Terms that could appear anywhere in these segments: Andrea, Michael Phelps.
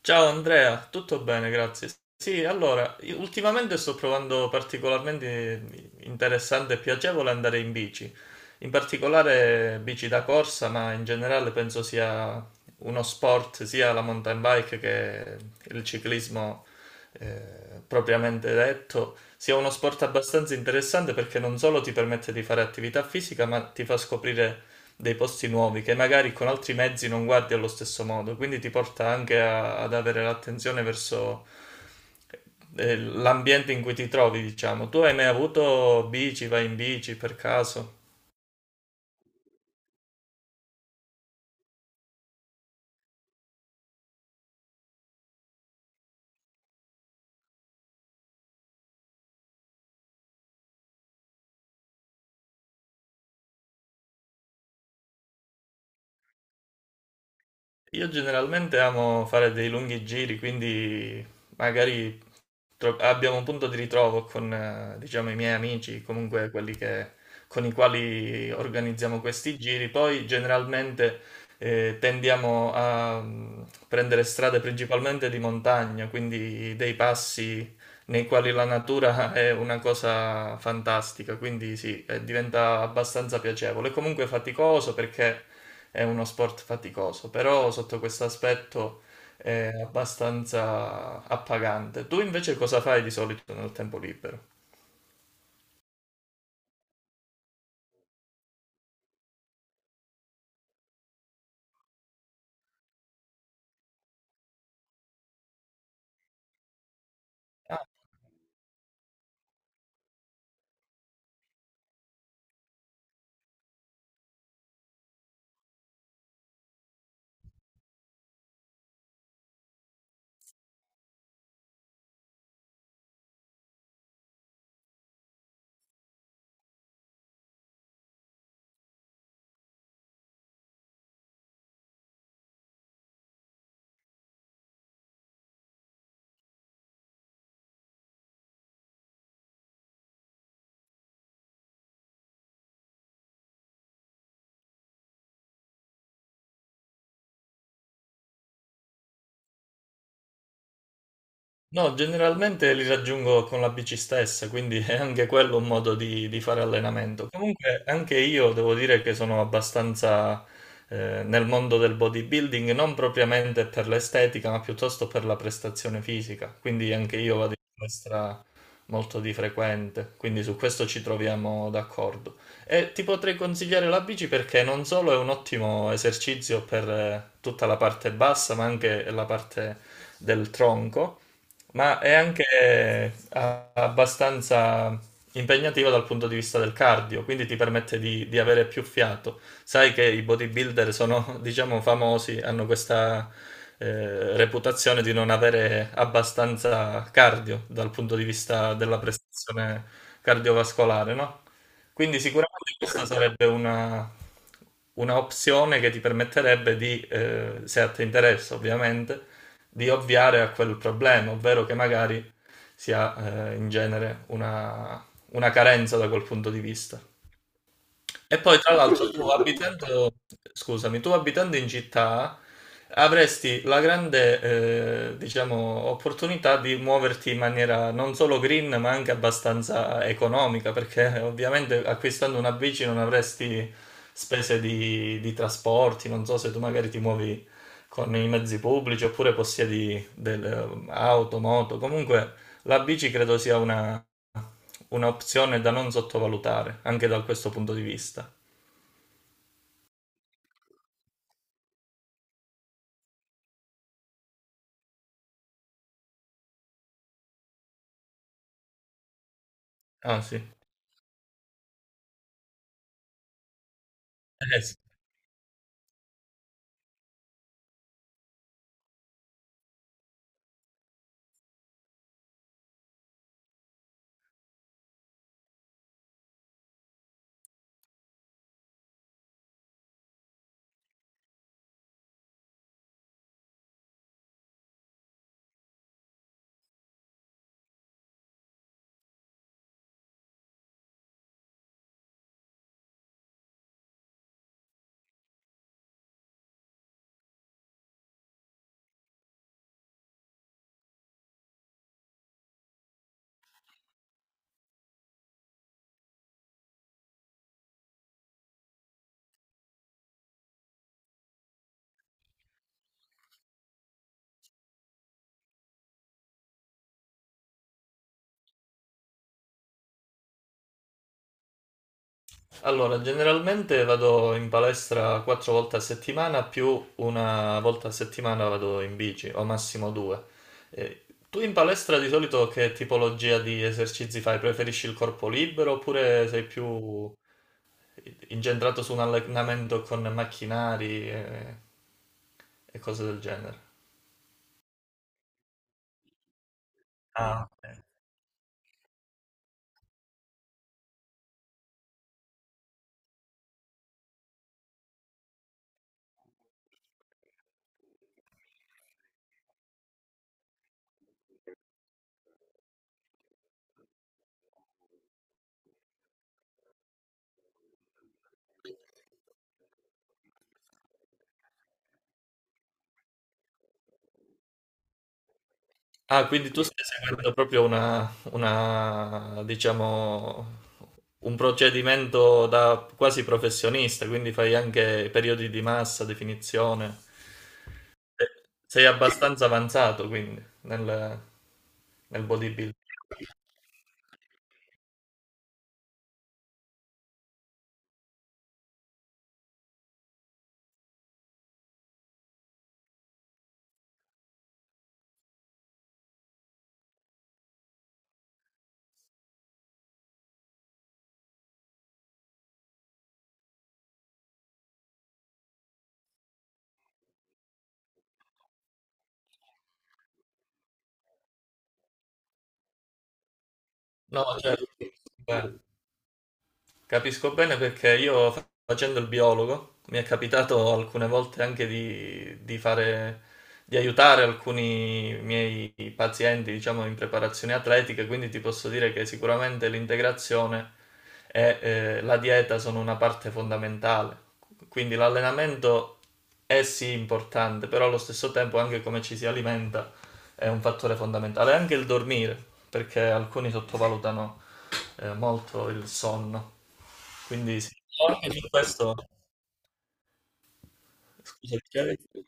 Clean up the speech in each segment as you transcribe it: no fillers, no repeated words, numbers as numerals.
Ciao Andrea, tutto bene, grazie. Sì, allora, io ultimamente sto trovando particolarmente interessante e piacevole andare in bici, in particolare bici da corsa, ma in generale penso sia uno sport, sia la mountain bike che il ciclismo, eh, propriamente detto sia uno sport abbastanza interessante perché non solo ti permette di fare attività fisica, ma ti fa scoprire dei posti nuovi che magari con altri mezzi non guardi allo stesso modo, quindi ti porta anche ad avere l'attenzione verso l'ambiente in cui ti trovi, diciamo. Tu hai mai avuto bici, vai in bici per caso? Io generalmente amo fare dei lunghi giri, quindi magari abbiamo un punto di ritrovo con, diciamo, i miei amici, comunque con i quali organizziamo questi giri. Poi generalmente tendiamo a prendere strade principalmente di montagna, quindi dei passi nei quali la natura è una cosa fantastica, quindi sì, diventa abbastanza piacevole. È comunque faticoso perché è uno sport faticoso, però sotto questo aspetto è abbastanza appagante. Tu invece cosa fai di solito nel tempo libero? No, generalmente li raggiungo con la bici stessa, quindi è anche quello un modo di fare allenamento. Comunque anche io devo dire che sono abbastanza nel mondo del bodybuilding, non propriamente per l'estetica, ma piuttosto per la prestazione fisica, quindi anche io vado in palestra molto di frequente, quindi su questo ci troviamo d'accordo. E ti potrei consigliare la bici perché non solo è un ottimo esercizio per tutta la parte bassa, ma anche la parte del tronco, ma è anche abbastanza impegnativo dal punto di vista del cardio, quindi ti permette di avere più fiato. Sai che i bodybuilder sono, diciamo, famosi, hanno questa reputazione di non avere abbastanza cardio dal punto di vista della prestazione cardiovascolare, no? Quindi sicuramente questa sarebbe una opzione che ti permetterebbe di, se a te interessa ovviamente, di ovviare a quel problema, ovvero che magari si ha in genere una carenza da quel punto di vista. E poi, tra l'altro, tu abitando, scusami, tu abitando in città avresti la grande, diciamo, opportunità di muoverti in maniera non solo green, ma anche abbastanza economica, perché ovviamente acquistando una bici non avresti spese di trasporti, non so se tu magari ti muovi con i mezzi pubblici oppure possiedi delle auto, moto, comunque la bici credo sia un'opzione da non sottovalutare, anche da questo punto di vista. Ah sì. Sì. Allora, generalmente vado in palestra 4 volte a settimana, più una volta a settimana vado in bici, o massimo due. Tu in palestra di solito che tipologia di esercizi fai? Preferisci il corpo libero oppure sei più incentrato su un allenamento con macchinari e cose del genere? Ah, ok. Ah, quindi tu stai seguendo proprio diciamo, un procedimento da quasi professionista, quindi fai anche periodi di massa, definizione. Eh, Sei abbastanza avanzato, quindi, nel, nel bodybuilding. No, certo. Capisco bene perché io facendo il biologo mi è capitato alcune volte anche di aiutare alcuni miei pazienti, diciamo, in preparazioni atletiche, quindi ti posso dire che sicuramente l'integrazione e la dieta sono una parte fondamentale. Quindi l'allenamento è sì importante, però allo stesso tempo anche come ci si alimenta è un fattore fondamentale, anche il dormire, perché alcuni sottovalutano molto il sonno. Quindi sì, anche su questo, scusa, ti chiedo-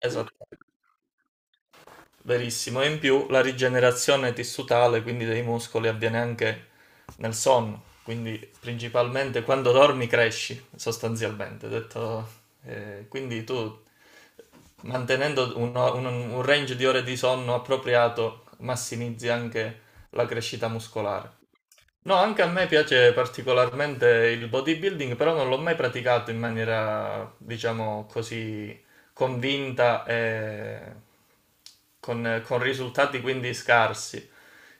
esatto, verissimo. E in più la rigenerazione tissutale, quindi dei muscoli, avviene anche nel sonno. Quindi principalmente quando dormi cresci, sostanzialmente. Quindi tu mantenendo un range di ore di sonno appropriato massimizzi anche la crescita muscolare. No, anche a me piace particolarmente il bodybuilding, però non l'ho mai praticato in maniera, diciamo così, convinta e con risultati quindi scarsi.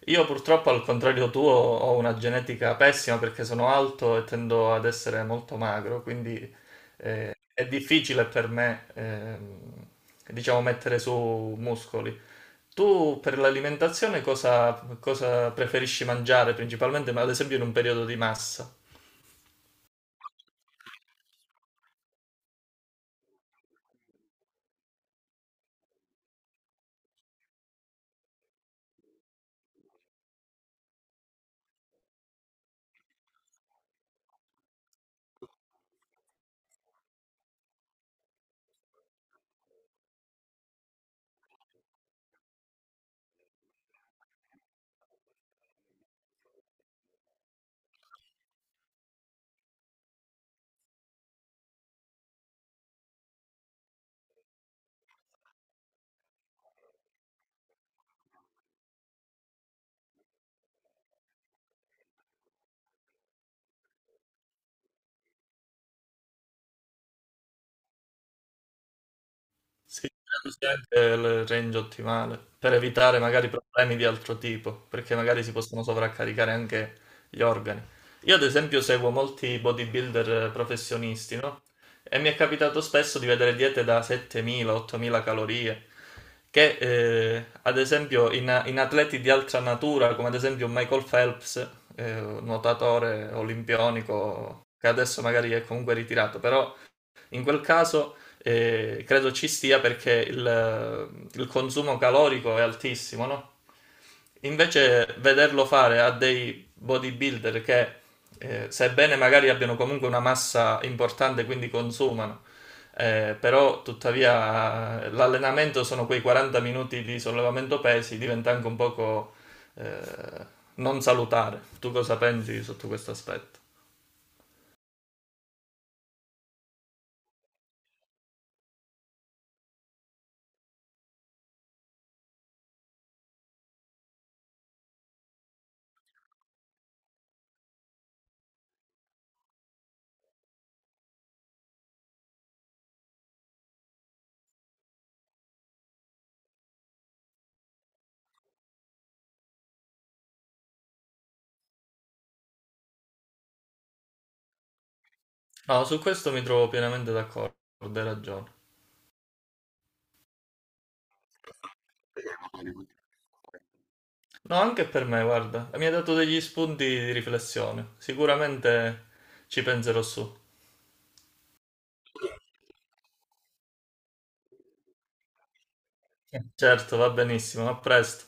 Io purtroppo, al contrario tuo, ho una genetica pessima perché sono alto e tendo ad essere molto magro, quindi è difficile per me, diciamo, mettere su muscoli. Tu per l'alimentazione cosa preferisci mangiare principalmente, ma ad esempio in un periodo di massa? Sì, così anche il range ottimale, per evitare magari problemi di altro tipo, perché magari si possono sovraccaricare anche gli organi. Io ad esempio seguo molti bodybuilder professionisti, no? E mi è capitato spesso di vedere diete da 7.000-8.000 calorie, che ad esempio in atleti di altra natura, come ad esempio Michael Phelps, nuotatore olimpionico, che adesso magari è comunque ritirato, però in quel caso credo ci stia perché il consumo calorico è altissimo, no? Invece vederlo fare a dei bodybuilder che, sebbene magari abbiano comunque una massa importante, quindi consumano, però tuttavia l'allenamento sono quei 40 minuti di sollevamento pesi, diventa anche un poco eh, non salutare. Tu cosa pensi sotto questo aspetto? No, su questo mi trovo pienamente d'accordo, hai ragione. No, anche per me, guarda, mi ha dato degli spunti di riflessione. Sicuramente ci penserò su. Sì. Certo, va benissimo, a presto.